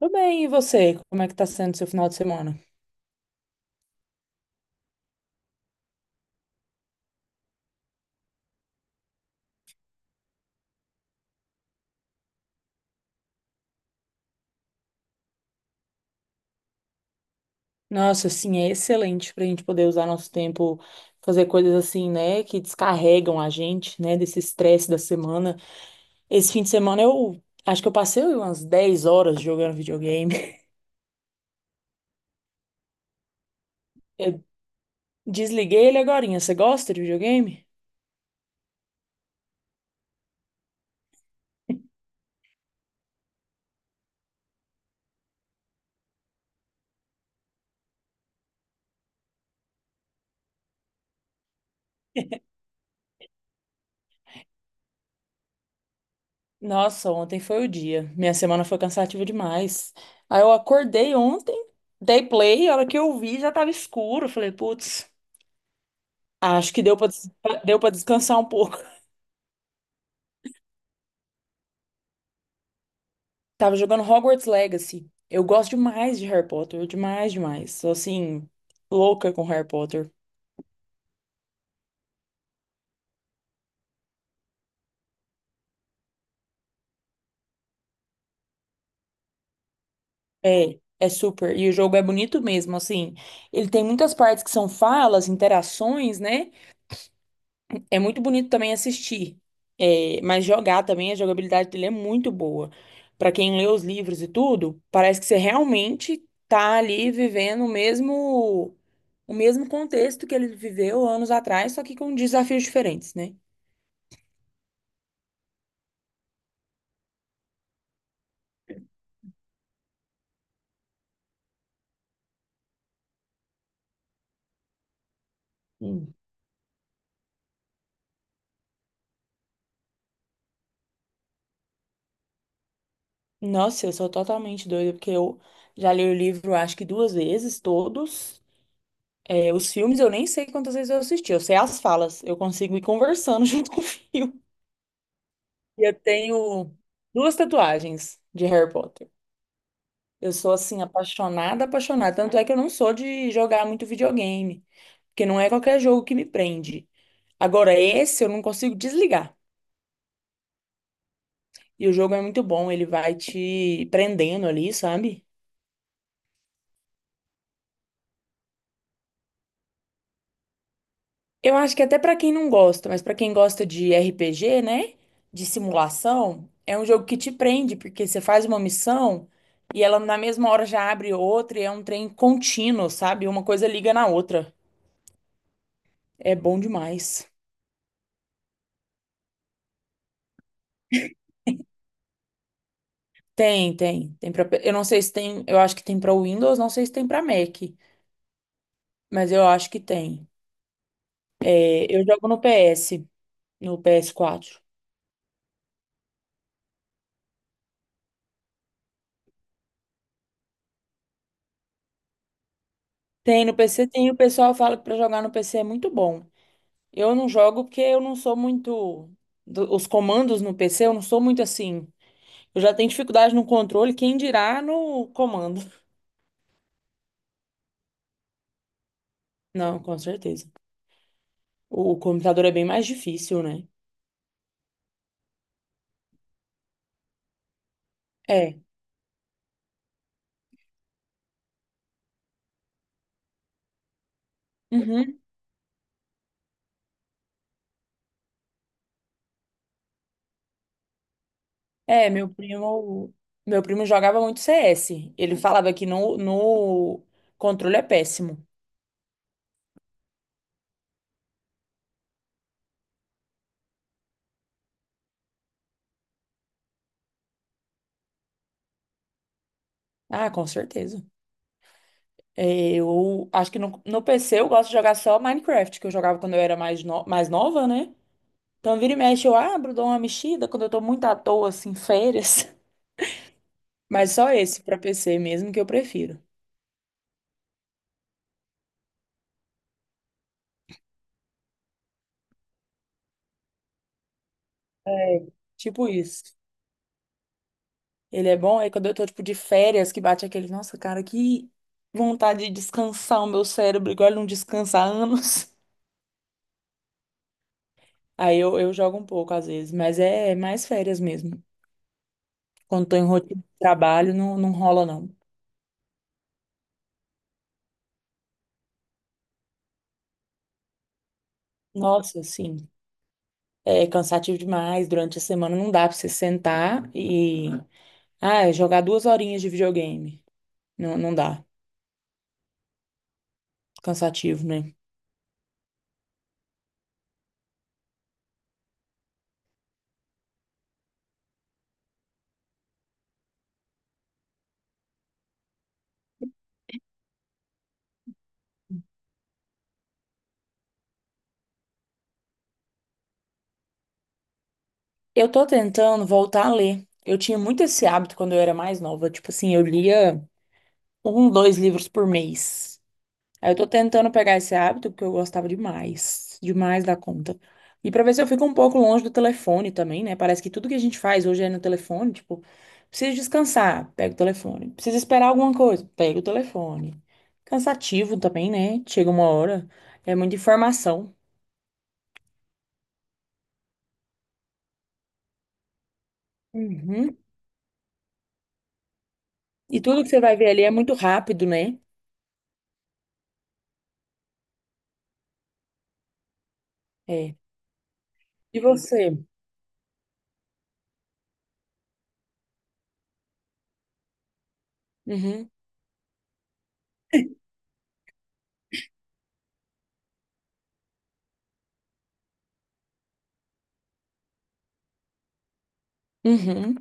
Tudo bem, e você? Como é que tá sendo seu final de semana? Nossa, assim, é excelente pra gente poder usar nosso tempo, fazer coisas assim, né, que descarregam a gente, né, desse estresse da semana. Esse fim de semana eu acho que eu passei umas 10 horas jogando videogame. Eu desliguei ele agorinha. Você gosta de videogame? Nossa, ontem foi o dia. Minha semana foi cansativa demais. Aí eu acordei ontem, dei play, a hora que eu vi já tava escuro. Falei, putz, acho que deu pra descansar um pouco. Tava jogando Hogwarts Legacy. Eu gosto demais de Harry Potter, demais, demais. Sou assim, louca com Harry Potter. É, é super. E o jogo é bonito mesmo, assim. Ele tem muitas partes que são falas, interações, né? É muito bonito também assistir. É, mas jogar também, a jogabilidade dele é muito boa. Pra quem lê os livros e tudo, parece que você realmente tá ali vivendo o mesmo contexto que ele viveu anos atrás, só que com desafios diferentes, né? Nossa, eu sou totalmente doida, porque eu já li o livro acho que duas vezes, todos. É, os filmes eu nem sei quantas vezes eu assisti, eu sei as falas, eu consigo ir conversando junto com o filme. E eu tenho duas tatuagens de Harry Potter. Eu sou, assim, apaixonada, apaixonada. Tanto é que eu não sou de jogar muito videogame, porque não é qualquer jogo que me prende. Agora, esse eu não consigo desligar. E o jogo é muito bom, ele vai te prendendo ali, sabe? Eu acho que até pra quem não gosta, mas pra quem gosta de RPG, né? De simulação, é um jogo que te prende, porque você faz uma missão e ela na mesma hora já abre outra e é um trem contínuo, sabe? Uma coisa liga na outra. É bom demais. Tem, tem, tem para, eu não sei se tem, eu acho que tem pra Windows, não sei se tem pra Mac, mas eu acho que tem. É, eu jogo no PS, no PS4. Tem no PC, tem, o pessoal fala que pra jogar no PC é muito bom. Eu não jogo porque eu não sou muito. Os comandos no PC, eu não sou muito assim. Eu já tenho dificuldade no controle, quem dirá no comando. Não, com certeza. O computador é bem mais difícil, né? É. Uhum. É, meu primo. Meu primo jogava muito CS. Ele falava que no controle é péssimo. Ah, com certeza. É, eu acho que no PC eu gosto de jogar só Minecraft, que eu jogava quando eu era mais, no- mais nova, né? Então, vira e mexe, eu abro, dou uma mexida quando eu tô muito à toa, assim, férias. Mas só esse pra PC mesmo que eu prefiro. É. Tipo isso. Ele é bom, aí quando eu tô, tipo, de férias, que bate aquele, nossa, cara, que vontade de descansar o meu cérebro, igual ele não descansa há anos. Aí eu jogo um pouco, às vezes, mas é mais férias mesmo. Quando tô em rotina de trabalho, não, não rola, não. Nossa, assim, é cansativo demais, durante a semana não dá pra você sentar e, ah, jogar duas horinhas de videogame. Não, não dá. Cansativo, né? Eu tô tentando voltar a ler. Eu tinha muito esse hábito quando eu era mais nova. Tipo assim, eu lia um, dois livros por mês. Aí eu tô tentando pegar esse hábito porque eu gostava demais, demais da conta. E pra ver se eu fico um pouco longe do telefone também, né? Parece que tudo que a gente faz hoje é no telefone. Tipo, preciso descansar, pega o telefone. Preciso esperar alguma coisa, pega o telefone. Cansativo também, né? Chega uma hora, é muita informação. Uhum. E tudo que você vai ver ali é muito rápido, né? É. E você? Uhum, uhum,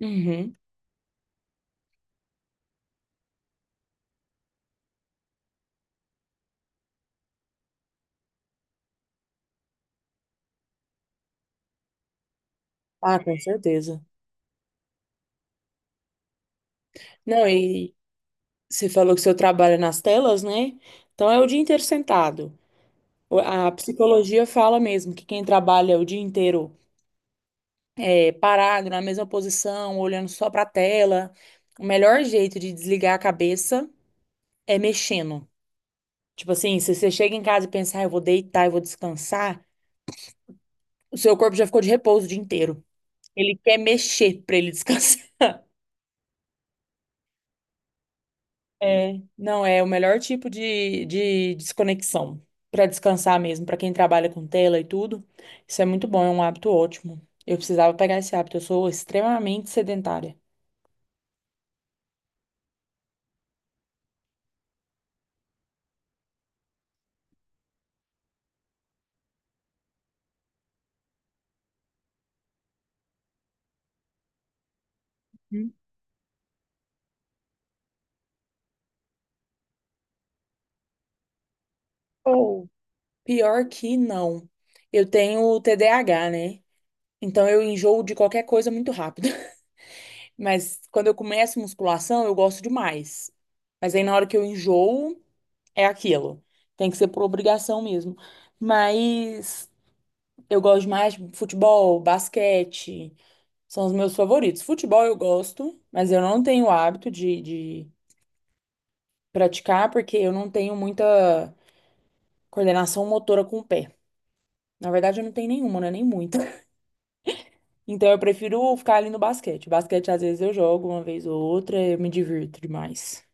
uhum. Ah, com certeza. Não, e você falou que seu trabalho é nas telas, né? Então é o dia inteiro sentado. A psicologia fala mesmo que quem trabalha o dia inteiro é, parado, na mesma posição, olhando só para a tela, o melhor jeito de desligar a cabeça é mexendo. Tipo assim, se você chega em casa e pensar, "Ah, eu vou deitar, eu vou descansar, o seu corpo já ficou de repouso o dia inteiro. Ele quer mexer para ele descansar. É, não, é o melhor tipo de desconexão. Para descansar mesmo, para quem trabalha com tela e tudo. Isso é muito bom, é um hábito ótimo. Eu precisava pegar esse hábito, eu sou extremamente sedentária. Hum. Ou, pior que não. Eu tenho TDAH, né? Então eu enjoo de qualquer coisa muito rápido. Mas quando eu começo musculação, eu gosto demais. Mas aí na hora que eu enjoo, é aquilo. Tem que ser por obrigação mesmo. Mas eu gosto mais de futebol, basquete, são os meus favoritos. Futebol eu gosto, mas eu não tenho o hábito de praticar porque eu não tenho muita coordenação motora com o pé. Na verdade, eu não tenho nenhuma, né? Nem muita. Então eu prefiro ficar ali no basquete. Basquete, às vezes, eu jogo uma vez ou outra, eu me divirto demais.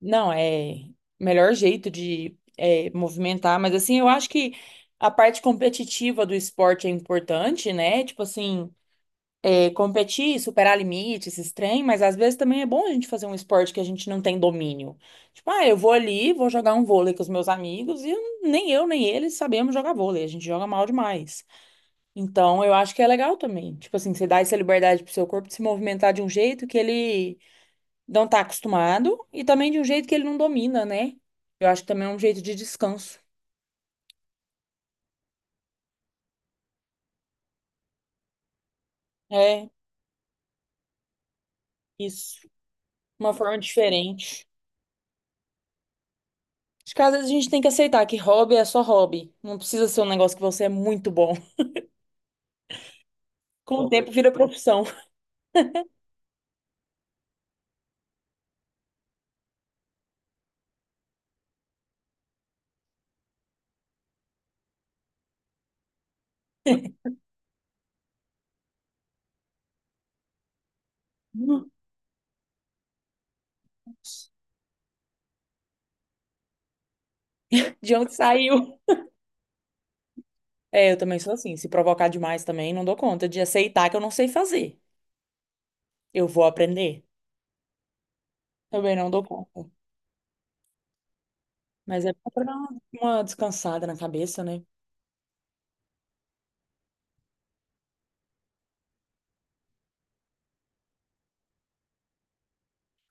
Não, é o melhor jeito de é, movimentar, mas assim, eu acho que a parte competitiva do esporte é importante, né? Tipo assim. E competir, superar limites, esses trem, mas às vezes também é bom a gente fazer um esporte que a gente não tem domínio. Tipo, ah, eu vou ali, vou jogar um vôlei com os meus amigos e nem eu nem eles sabemos jogar vôlei, a gente joga mal demais. Então, eu acho que é legal também. Tipo assim, você dá essa liberdade pro seu corpo de se movimentar de um jeito que ele não tá acostumado e também de um jeito que ele não domina, né? Eu acho que também é um jeito de descanso. É, isso. Uma forma diferente. Acho que às vezes a gente tem que aceitar que hobby é só hobby. Não precisa ser um negócio que você é muito bom. Com o tempo vira profissão. De onde saiu? É, eu também sou assim. Se provocar demais também, não dou conta de aceitar que eu não sei fazer. Eu vou aprender. Também não dou conta. Mas é bom pra dar uma descansada na cabeça, né?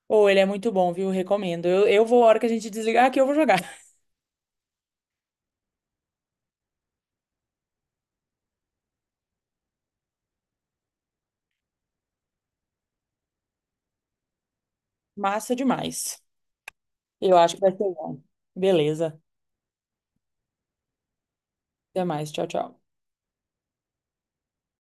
Ou ele é muito bom, viu? Recomendo. Eu vou, a hora que a gente desligar aqui, eu vou jogar. Massa demais. Eu acho que vai ser bom. Beleza. Até mais. Tchau, tchau.